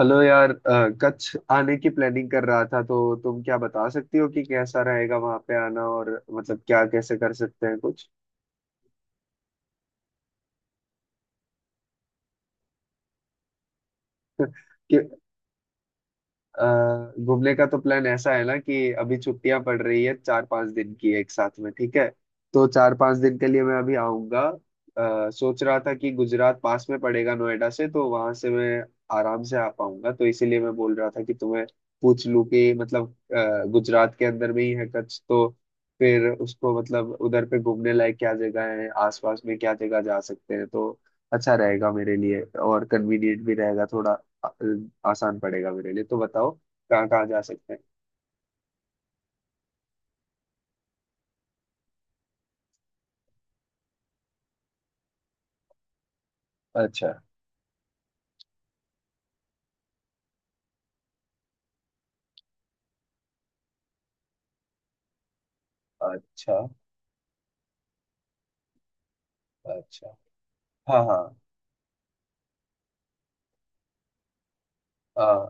Hello यार, कच्छ आने की प्लानिंग कर रहा था तो तुम क्या बता सकती हो कि कैसा रहेगा वहां पे आना। और मतलब क्या, कैसे कर सकते हैं कुछ? कि घूमने का तो प्लान ऐसा है ना कि अभी छुट्टियां पड़ रही है, चार पांच दिन की एक साथ में, ठीक है। तो चार पांच दिन के लिए मैं अभी आऊंगा। सोच रहा था कि गुजरात पास में पड़ेगा नोएडा से, तो वहां से मैं आराम से आ पाऊंगा। तो इसीलिए मैं बोल रहा था कि तुम्हें पूछ लूं कि मतलब, गुजरात के अंदर में ही है कच्छ, तो फिर उसको मतलब उधर पे घूमने लायक क्या जगह है, आसपास में क्या जगह जा सकते हैं। तो अच्छा रहेगा मेरे लिए और कन्वीनियंट भी रहेगा, थोड़ा आ- आसान पड़ेगा मेरे लिए। तो बताओ कहाँ कहाँ जा सकते हैं। अच्छा, अच्छा, अच्छा। हाँ, हाँ। हाँ।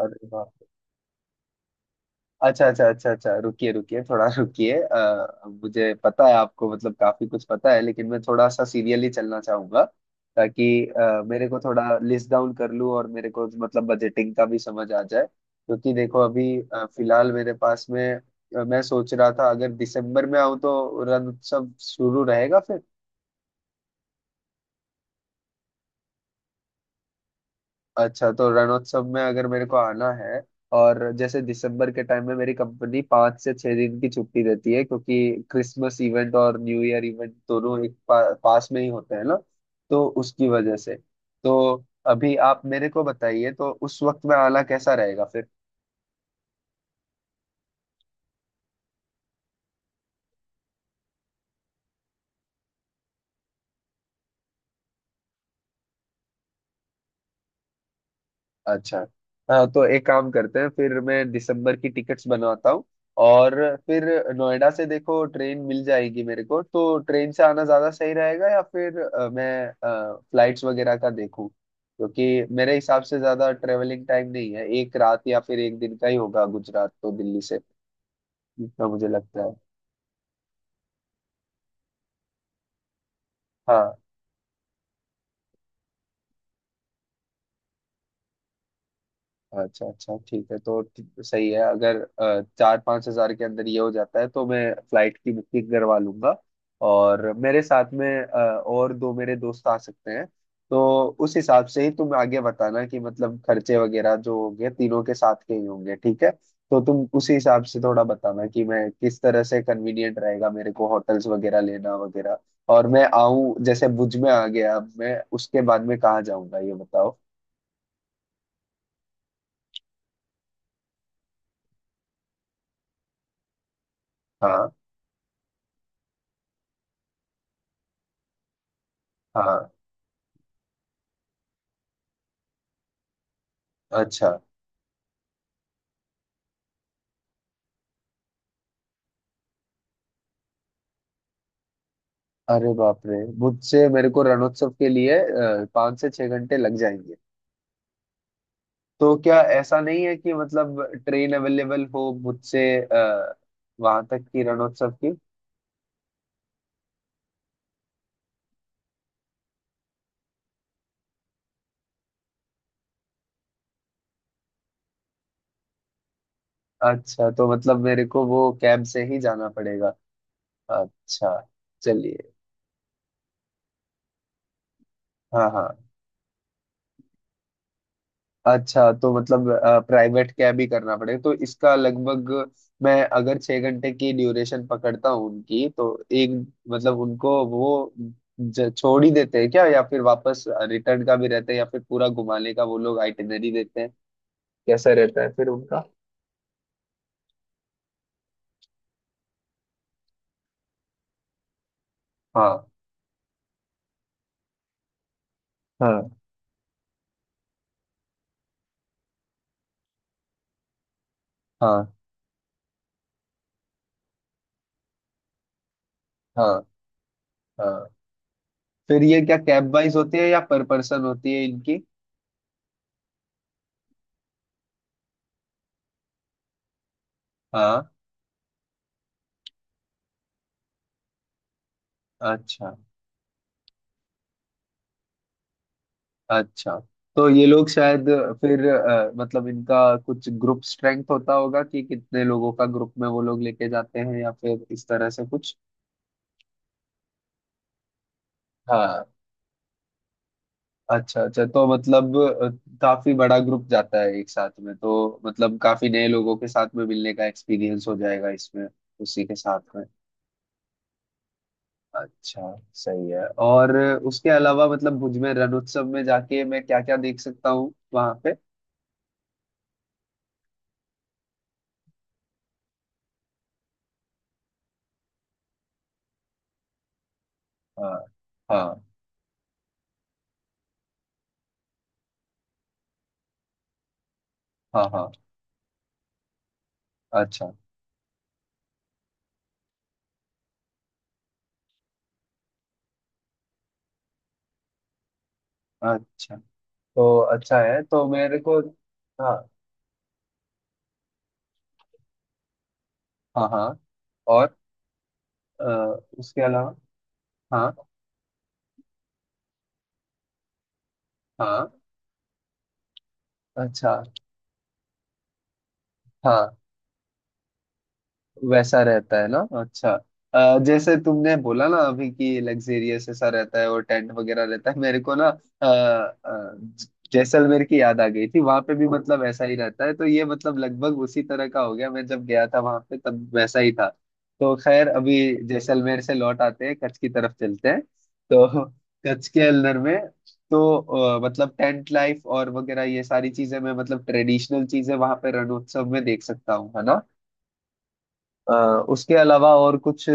अरे वाह! अच्छा अच्छा अच्छा अच्छा, रुकिए रुकिए थोड़ा रुकिए। मुझे पता है आपको मतलब काफी कुछ पता है, लेकिन मैं थोड़ा सा सीरियली चलना चाहूंगा, ताकि मेरे को थोड़ा लिस्ट डाउन कर लूँ, और मेरे को मतलब बजटिंग का भी समझ आ जाए। क्योंकि देखो अभी फिलहाल मेरे पास में, मैं सोच रहा था अगर दिसंबर में आऊँ तो रण उत्सव शुरू रहेगा फिर। अच्छा, तो रणोत्सव में अगर मेरे को आना है, और जैसे दिसंबर के टाइम में मेरी कंपनी पाँच से छह दिन की छुट्टी देती है, क्योंकि क्रिसमस इवेंट और न्यू ईयर इवेंट दोनों एक पास में ही होते हैं ना, तो उसकी वजह से। तो अभी आप मेरे को बताइए तो उस वक्त में आना कैसा रहेगा। अच्छा। हाँ, तो एक काम करते हैं, फिर मैं दिसंबर की टिकट्स बनवाता हूँ। और फिर, नोएडा से देखो ट्रेन मिल जाएगी मेरे को, तो ट्रेन से आना ज़्यादा सही रहेगा, या फिर मैं फ्लाइट्स वगैरह का देखूँ? क्योंकि मेरे हिसाब से ज़्यादा ट्रेवलिंग टाइम नहीं है, एक रात या फिर एक दिन का ही होगा गुजरात तो दिल्ली से, जितना मुझे लगता है। हाँ। अच्छा अच्छा, ठीक है, तो सही है। अगर चार पाँच हजार के अंदर ये हो जाता है तो मैं फ्लाइट की बुकिंग करवा लूंगा। और मेरे साथ में और दो मेरे दोस्त आ सकते हैं। तो उस हिसाब से ही तुम आगे बताना कि मतलब खर्चे वगैरह जो होंगे, तीनों के साथ के ही होंगे, ठीक है? तो तुम उसी हिसाब से थोड़ा बताना कि मैं किस तरह से, कन्वीनियंट रहेगा मेरे को होटल्स वगैरह लेना वगैरह, और मैं आऊं जैसे भुज में आ गया, अब मैं उसके बाद में कहाँ जाऊंगा, ये बताओ। हाँ, हाँ। अच्छा। अरे बाप रे! मुझसे, मेरे को रणोत्सव के लिए पाँच से छह घंटे लग जाएंगे? तो क्या ऐसा नहीं है कि मतलब ट्रेन अवेलेबल हो मुझसे वहां तक की, रणोत्सव की? अच्छा, तो मतलब मेरे को वो कैब से ही जाना पड़ेगा। अच्छा। चलिए। हाँ, हाँ। अच्छा, तो मतलब प्राइवेट कैब ही करना पड़ेगा। तो इसका लगभग, मैं अगर छह घंटे की ड्यूरेशन पकड़ता हूँ उनकी, तो एक, मतलब उनको वो छोड़ ही देते हैं क्या, या फिर वापस रिटर्न का भी रहता है, या फिर पूरा घुमाने का वो लोग आइटिनरी देते हैं? कैसा रहता है फिर उनका? हाँ। हाँ। हाँ, हाँ। हाँ, फिर ये क्या कैब वाइज होती है या पर पर्सन होती है इनकी? हाँ। अच्छा अच्छा, तो ये लोग शायद फिर मतलब इनका कुछ ग्रुप स्ट्रेंथ होता होगा कि कितने लोगों का ग्रुप में वो लोग लेके जाते हैं, या फिर इस तरह से कुछ? हाँ। अच्छा अच्छा, तो मतलब काफी बड़ा ग्रुप जाता है एक साथ में, तो मतलब काफी नए लोगों के साथ में मिलने का एक्सपीरियंस हो जाएगा इसमें, उसी के साथ में। अच्छा। सही है। और उसके अलावा मतलब भुज में, रण उत्सव में जाके मैं क्या क्या देख सकता हूँ वहां पे? हाँ। हाँ, हाँ। हाँ। अच्छा। अच्छा, तो अच्छा है। तो मेरे को, हाँ, हाँ। हाँ, और अ, उसके अलावा, हाँ, हाँ। अच्छा। हाँ, वैसा रहता है ना। अच्छा, जैसे तुमने बोला ना अभी कि लग्जेरियस ऐसा रहता है और टेंट वगैरह रहता है, मेरे को ना जैसलमेर की याद आ गई थी, वहां पे भी मतलब ऐसा ही रहता है। तो ये मतलब लगभग उसी तरह का हो गया, मैं जब गया था वहां पे तब वैसा ही था। तो खैर, अभी जैसलमेर से लौट आते हैं, कच्छ की तरफ चलते हैं। तो कच्छ के अल्लर में, तो मतलब टेंट लाइफ और वगैरह ये सारी चीजें, मैं मतलब ट्रेडिशनल चीजें वहां पे रणोत्सव में देख सकता हूँ, है ना? अ, उसके अलावा और कुछ,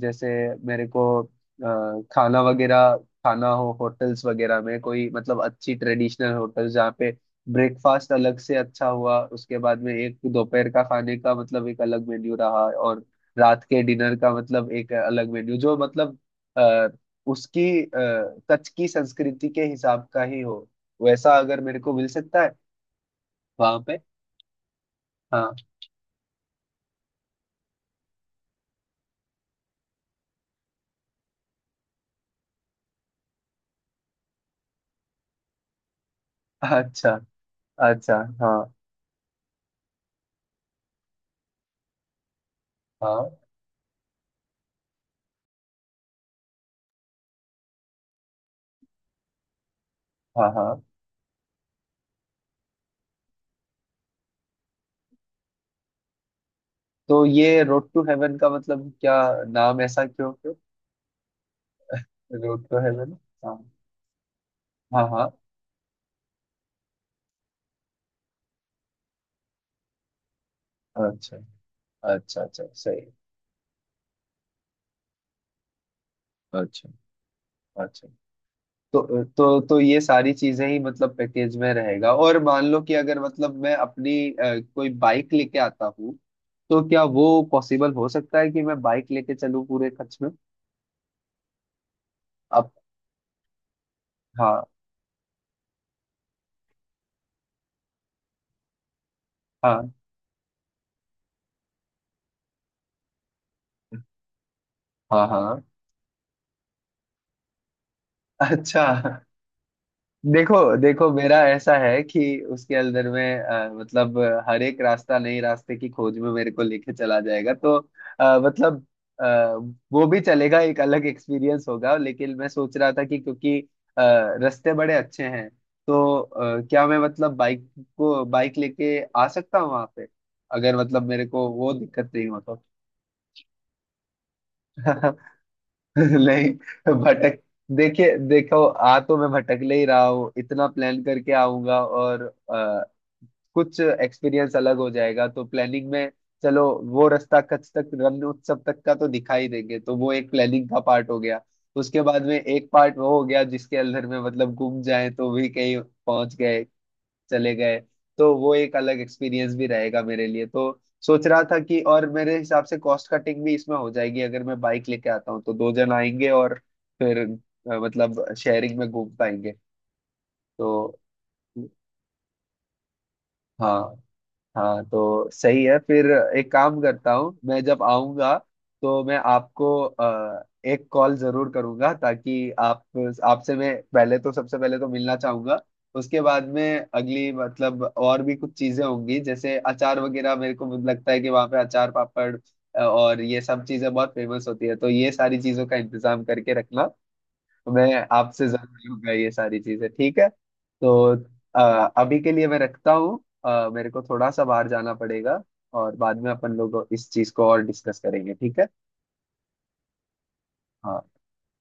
जैसे मेरे को खाना वगैरह, खाना हो होटल्स वगैरह में, कोई मतलब अच्छी ट्रेडिशनल होटल जहाँ पे ब्रेकफास्ट अलग से अच्छा हुआ, उसके बाद में एक दोपहर का खाने का मतलब एक अलग मेन्यू रहा, और रात के डिनर का मतलब एक अलग मेन्यू जो मतलब आ, उसकी कच्छ की संस्कृति के हिसाब का ही हो, वैसा अगर मेरे को मिल सकता है वहां पे। हाँ। अच्छा। अच्छा। हाँ। हाँ, हाँ। हाँ। तो ये रोड टू हेवन का मतलब क्या, नाम ऐसा क्यों क्यों? Road to heaven. हाँ, हाँ। हाँ। अच्छा। अच्छा अच्छा, सही। अच्छा। अच्छा, तो ये सारी चीजें ही मतलब पैकेज में रहेगा। और मान लो कि अगर मतलब मैं अपनी कोई बाइक लेके आता हूँ, तो क्या वो पॉसिबल हो सकता है कि मैं बाइक लेके चलूँ पूरे खर्च में? अब। हाँ। हाँ, हाँ। हाँ। अच्छा। देखो देखो, मेरा ऐसा है कि उसके अंदर में मतलब हर एक रास्ता नए रास्ते की खोज में मेरे को लेके चला जाएगा, तो मतलब, अ, वो भी चलेगा, एक अलग एक्सपीरियंस होगा। लेकिन मैं सोच रहा था कि क्योंकि अ, रास्ते बड़े अच्छे हैं, तो क्या मैं मतलब बाइक लेके आ सकता हूँ वहां पे, अगर मतलब मेरे को वो दिक्कत नहीं हो तो? नहीं, भटक, देखिए देखो, आ तो मैं भटक ले ही रहा हूँ। इतना प्लान करके आऊंगा और अ, कुछ एक्सपीरियंस अलग हो जाएगा तो, प्लानिंग में। चलो, वो रास्ता कच्छ तक, रन उत्सव तक का तो दिखा ही देंगे, तो वो एक प्लानिंग का पार्ट हो गया। उसके बाद में एक पार्ट वो हो गया जिसके अंदर में मतलब घूम जाए तो भी कहीं पहुंच गए, चले गए, तो वो एक अलग एक्सपीरियंस भी रहेगा मेरे लिए। तो सोच रहा था कि, और मेरे हिसाब से कॉस्ट कटिंग भी इसमें हो जाएगी अगर मैं बाइक लेके आता हूँ, तो दो जन आएंगे और फिर मतलब शेयरिंग में घूम पाएंगे तो। हाँ, हाँ। तो सही है फिर। एक काम करता हूँ, मैं जब आऊंगा तो मैं आपको एक कॉल जरूर करूंगा, ताकि आप, आपसे मैं पहले तो, सबसे पहले तो मिलना चाहूंगा। उसके बाद में अगली, मतलब और भी कुछ चीजें होंगी जैसे अचार वगैरह, मेरे को लगता है कि वहाँ पे अचार पापड़ और ये सब चीजें बहुत फेमस होती है, तो ये सारी चीजों का इंतजाम करके रखना, तो मैं आपसे जरूर लूंगा ये सारी चीजें, ठीक है? तो अ, अभी के लिए मैं रखता हूँ। मेरे को थोड़ा सा बाहर जाना पड़ेगा, और बाद में अपन लोग इस चीज को और डिस्कस करेंगे, ठीक है? हाँ।